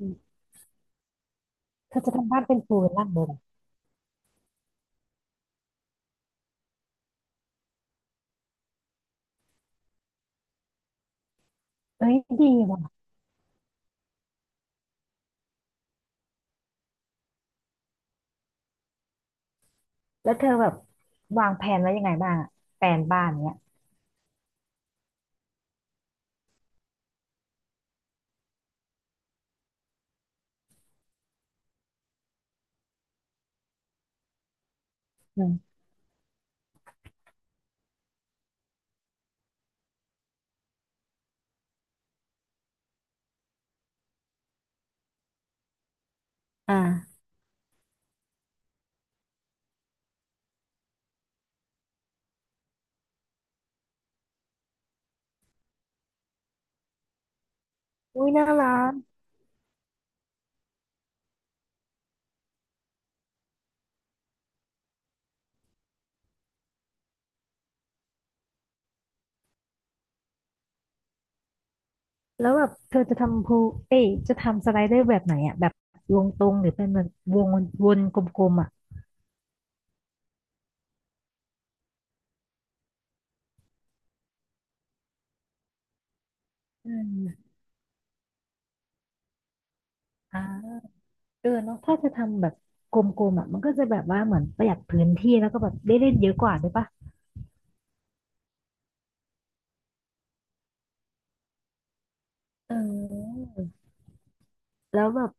อืมเธอจะทำบ้านเป็นปูวลล่างเลยเหรอเอ้ยดีว่ะแล้วเธอแบบวางแผนไว้ยังไงบ้างอะแผนบ้านเนี้ยอืมอ่าอุ้ยน่ารักแล้วแบบเธอจะทำพูเอ้ยจะทำสไลเดอร์แบบไหนอ่ะแบบวงตรงหรือเป็นแบบวงวนกลมๆอ่ะอืมอ่าเออเนาะถ้าจะทำแบบกลมๆอ่ะมันก็จะแบบว่าเหมือนประหยัดพื้นที่แล้วก็แบบได้เล่นเยอะกว่าด้วยปะเออแล้วแบบ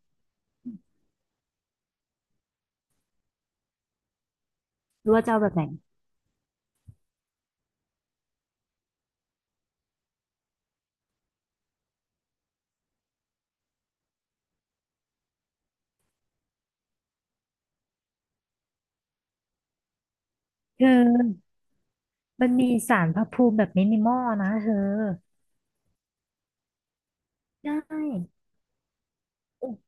รั้วจะเอาแบบไหนเธอมันมีศาลพระภูมิแบบมินิมอลนะเธอได้ โอ้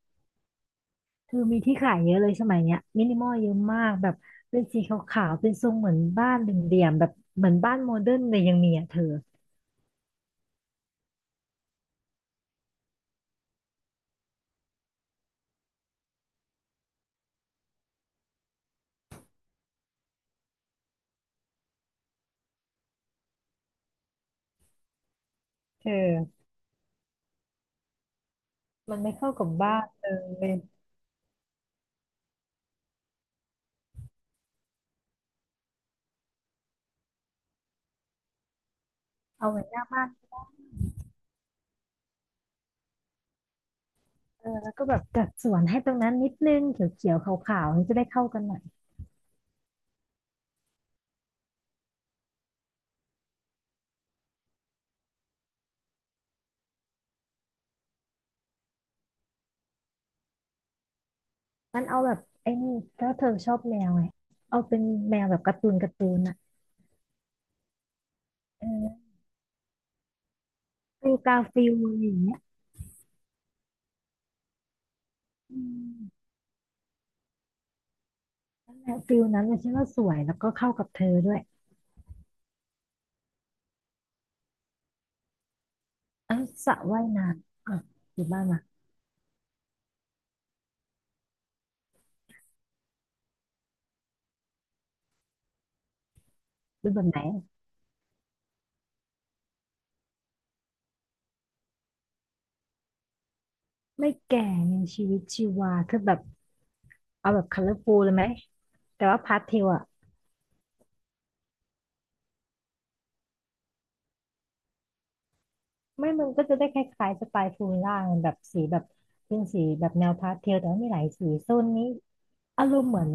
คือมีที่ขายเยอะเลยสมัยเนี้ยมินิมอลเยอะมากแบบเป็นสีขาวๆเป็นทรงเหมือนบ้านเหลี่ยมๆแบบเหมือนบ้านโมเดิร์นเลยยังมีอ่ะเธอเธอมันไม่เข้ากับบ้านเลยเอาไว้หน้าบ้านเออแล้วก็แบบจัดสวนให้ตรงนั้นนิดนึงเขียวๆขาวๆมันจะได้เข้ากันหน่อยมันเอาแบบไอ้นี่ถ้าเธอชอบแมวไงเอาเป็นแมวแบบการ์ตูนการ์ตูนอ่ะเออฟิลกาฟิลอะไรอย่างเงี้ยอืมนั่นแหละฟิลนั้นเลยฉันว่าสวยแล้วก็เข้ากับเธอด้วยเอ่ะสระว่ายน้ำอ่ะอยู่บ้านมา เปแบบไหนอไม่แก่ไงชีวิตชีวาคือแบบเอาแบบค o l o ล f u l ูลเลยไหมแต่ว่าพาสเทลอ่ะไม่มันก็จะได้คล้ายๆสไตล์ฟูลล่างแบบสีแบบเป็นสีแบบแนวพาสเทลแต่ว่ามีหลายสีโซนนี้อารมณ์เหมือน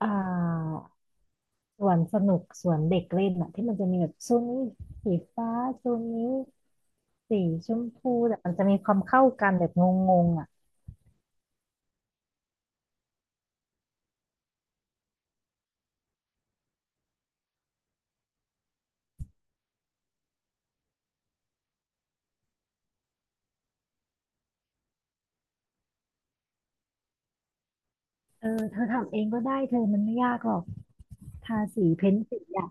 อ่าสวนสนุกสวนเด็กเล่นอะที่มันจะมีแบบโซนนี้สีฟ้าโซนนี้สีชมพูแต่มันจะมีความเข้ากันแบบงงๆอ่ะเออเธอทำเองก็ได้เธอมันไม่ยากหรอกทาสีเพ้นสีอะ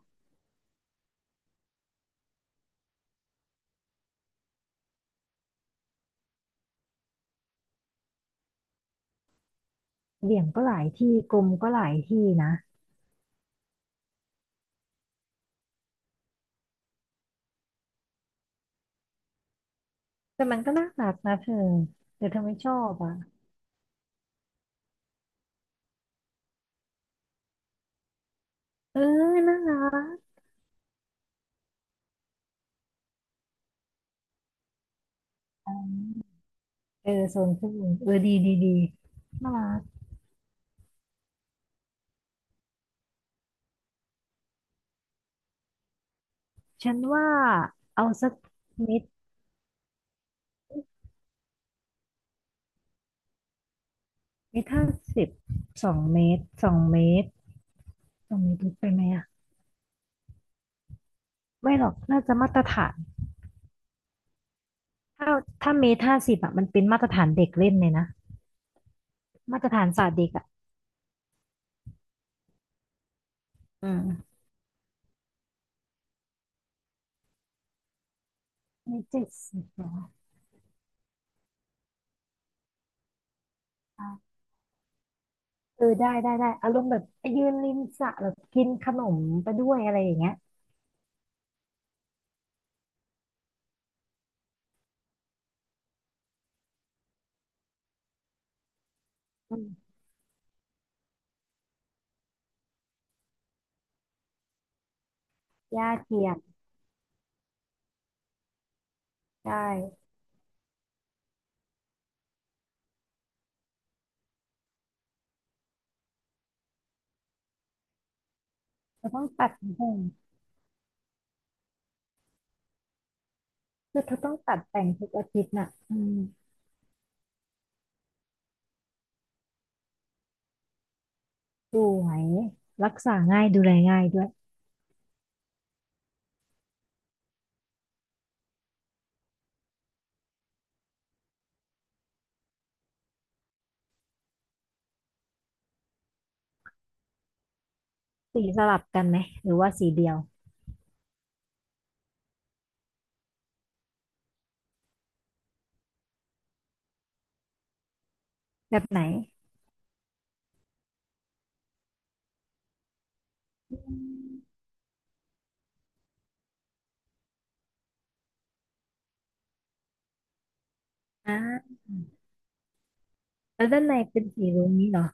เหลี่ยมก็หลายที่กลมก็หลายที่นะ แต่มันก็น่ารักนะเธอหรือเธอไม่ชอบอ่ะเออน่ารักเออโซนผู้หญิงเออดีดีดีน่ารักฉันว่าเอาสักเมตรเมตรห้าสิบสองเมตรสองเมตรสองเมตรลึกไปไหมอ่ะไม่หรอกน่าจะมาตรฐานถ้าถ้าเมตรห้าสิบอ่ะมันเป็นมาตรฐานเด็กเล่นเลยนะมาตรฐานศาสตร์เด็กอ่ะอืมเมตรเจ็ดสิบเหรออ่ะเออได้ได้ได้อารมณ์แบบยืนริมสระแบบกินขนมไปด้วยอะไรอย่างเงี้ยอืมหญ้าเทียม ใช่เธอต้องตัดผมคือเธอต้องตัดแต่งทุกอาทิตย์น่ะอืมสวยรักษาง่ายดูแลง่ายด้วยสีสลับกันไหมหรือว่าสีเดียวแบบไหนอืมอ่าแล้วด้านในเป็นสีรุ้งนี้เนาะ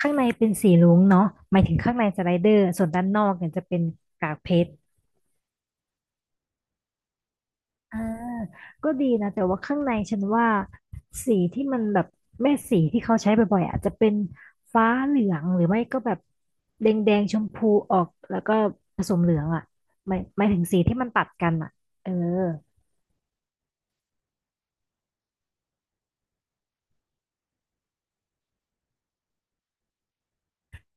ข้างในเป็นสีรุ้งเนาะหมายถึงข้างในสไลเดอร์ส่วนด้านนอกเนี่ยจะเป็นกากเพชร อ่าก็ดีนะแต่ว่าข้างในฉันว่าสีที่มันแบบแม่สีที่เขาใช้บ่อยๆอาจจะเป็นฟ้าเหลืองหรือไม่ก็แบบแดงแดงชมพูออกแล้วก็ผสมเหลืองอ่ะหมายถึงสีที่มันตัดกันอ่ะเออ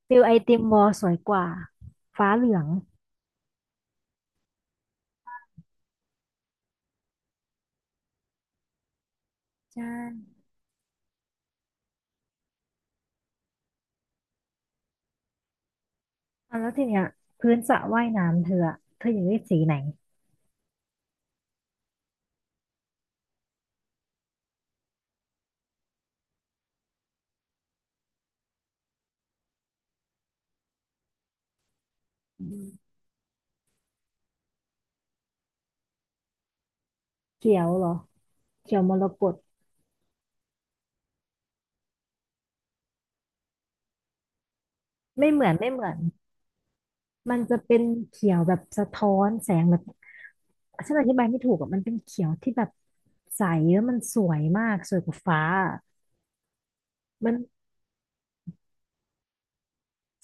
ฟิลไอติมวอลสวยกว่าฟ้าเหลืองใช่อ่ะแล้วทีเนี้ยพื้นสระว่ายน้ำเธออะเธออยากได้สีไหนเขียวเหรอเขียวมรกตไม่เหมือนไม่เหมือนมันจะเป็นเขียวแบบสะท้อนแสงแบบ ฉันอธิบายไม่ถูกอะมันเป็นเขียวที่แบบใสแล้วมันสวยมากสวยกว่าฟ้าอะมัน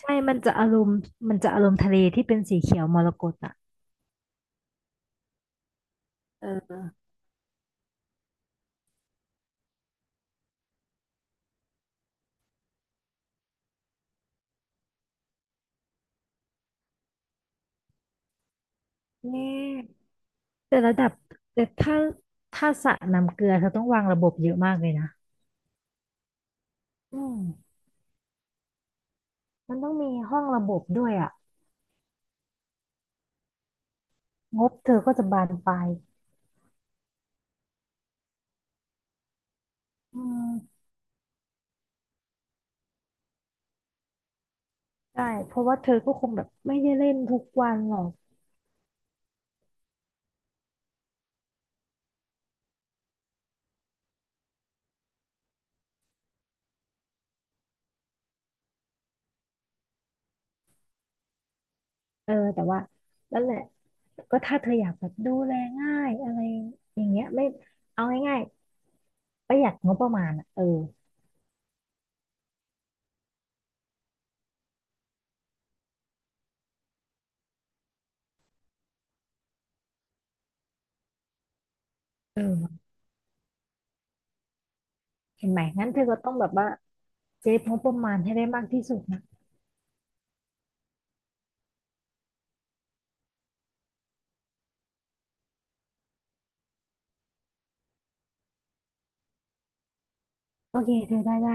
ใช่มันจะอารมณ์มันจะอารมณ์ทะเลที่เป็นสีเขียวมรกตอ่ะเออเนี่ยแต่ระดับแต่ถ้าสระน้ำเกลือเธอต้องวางระบบเยอะมากเลยนะอืมมันต้องมีห้องระบบด้วยอ่ะงบเธอก็จะบานปลายอืมใช่เพราะว่าเธอก็คงแบบไม่ได้เล่นทุกวันหรอกเออแต่ว่านั่นแหละ ก็ถ้าเธออยากแบบดูแลง่ายอะไรอย่างเงี้ยไม่เอาง่ายๆประหยัดงบประมาณอ่ะเออเออเห็นไหมงั้นเธอก็ต้องแบบว่าเซฟงบประมาณให้ได้มากที่สุดนะโอเคเธอได้ได้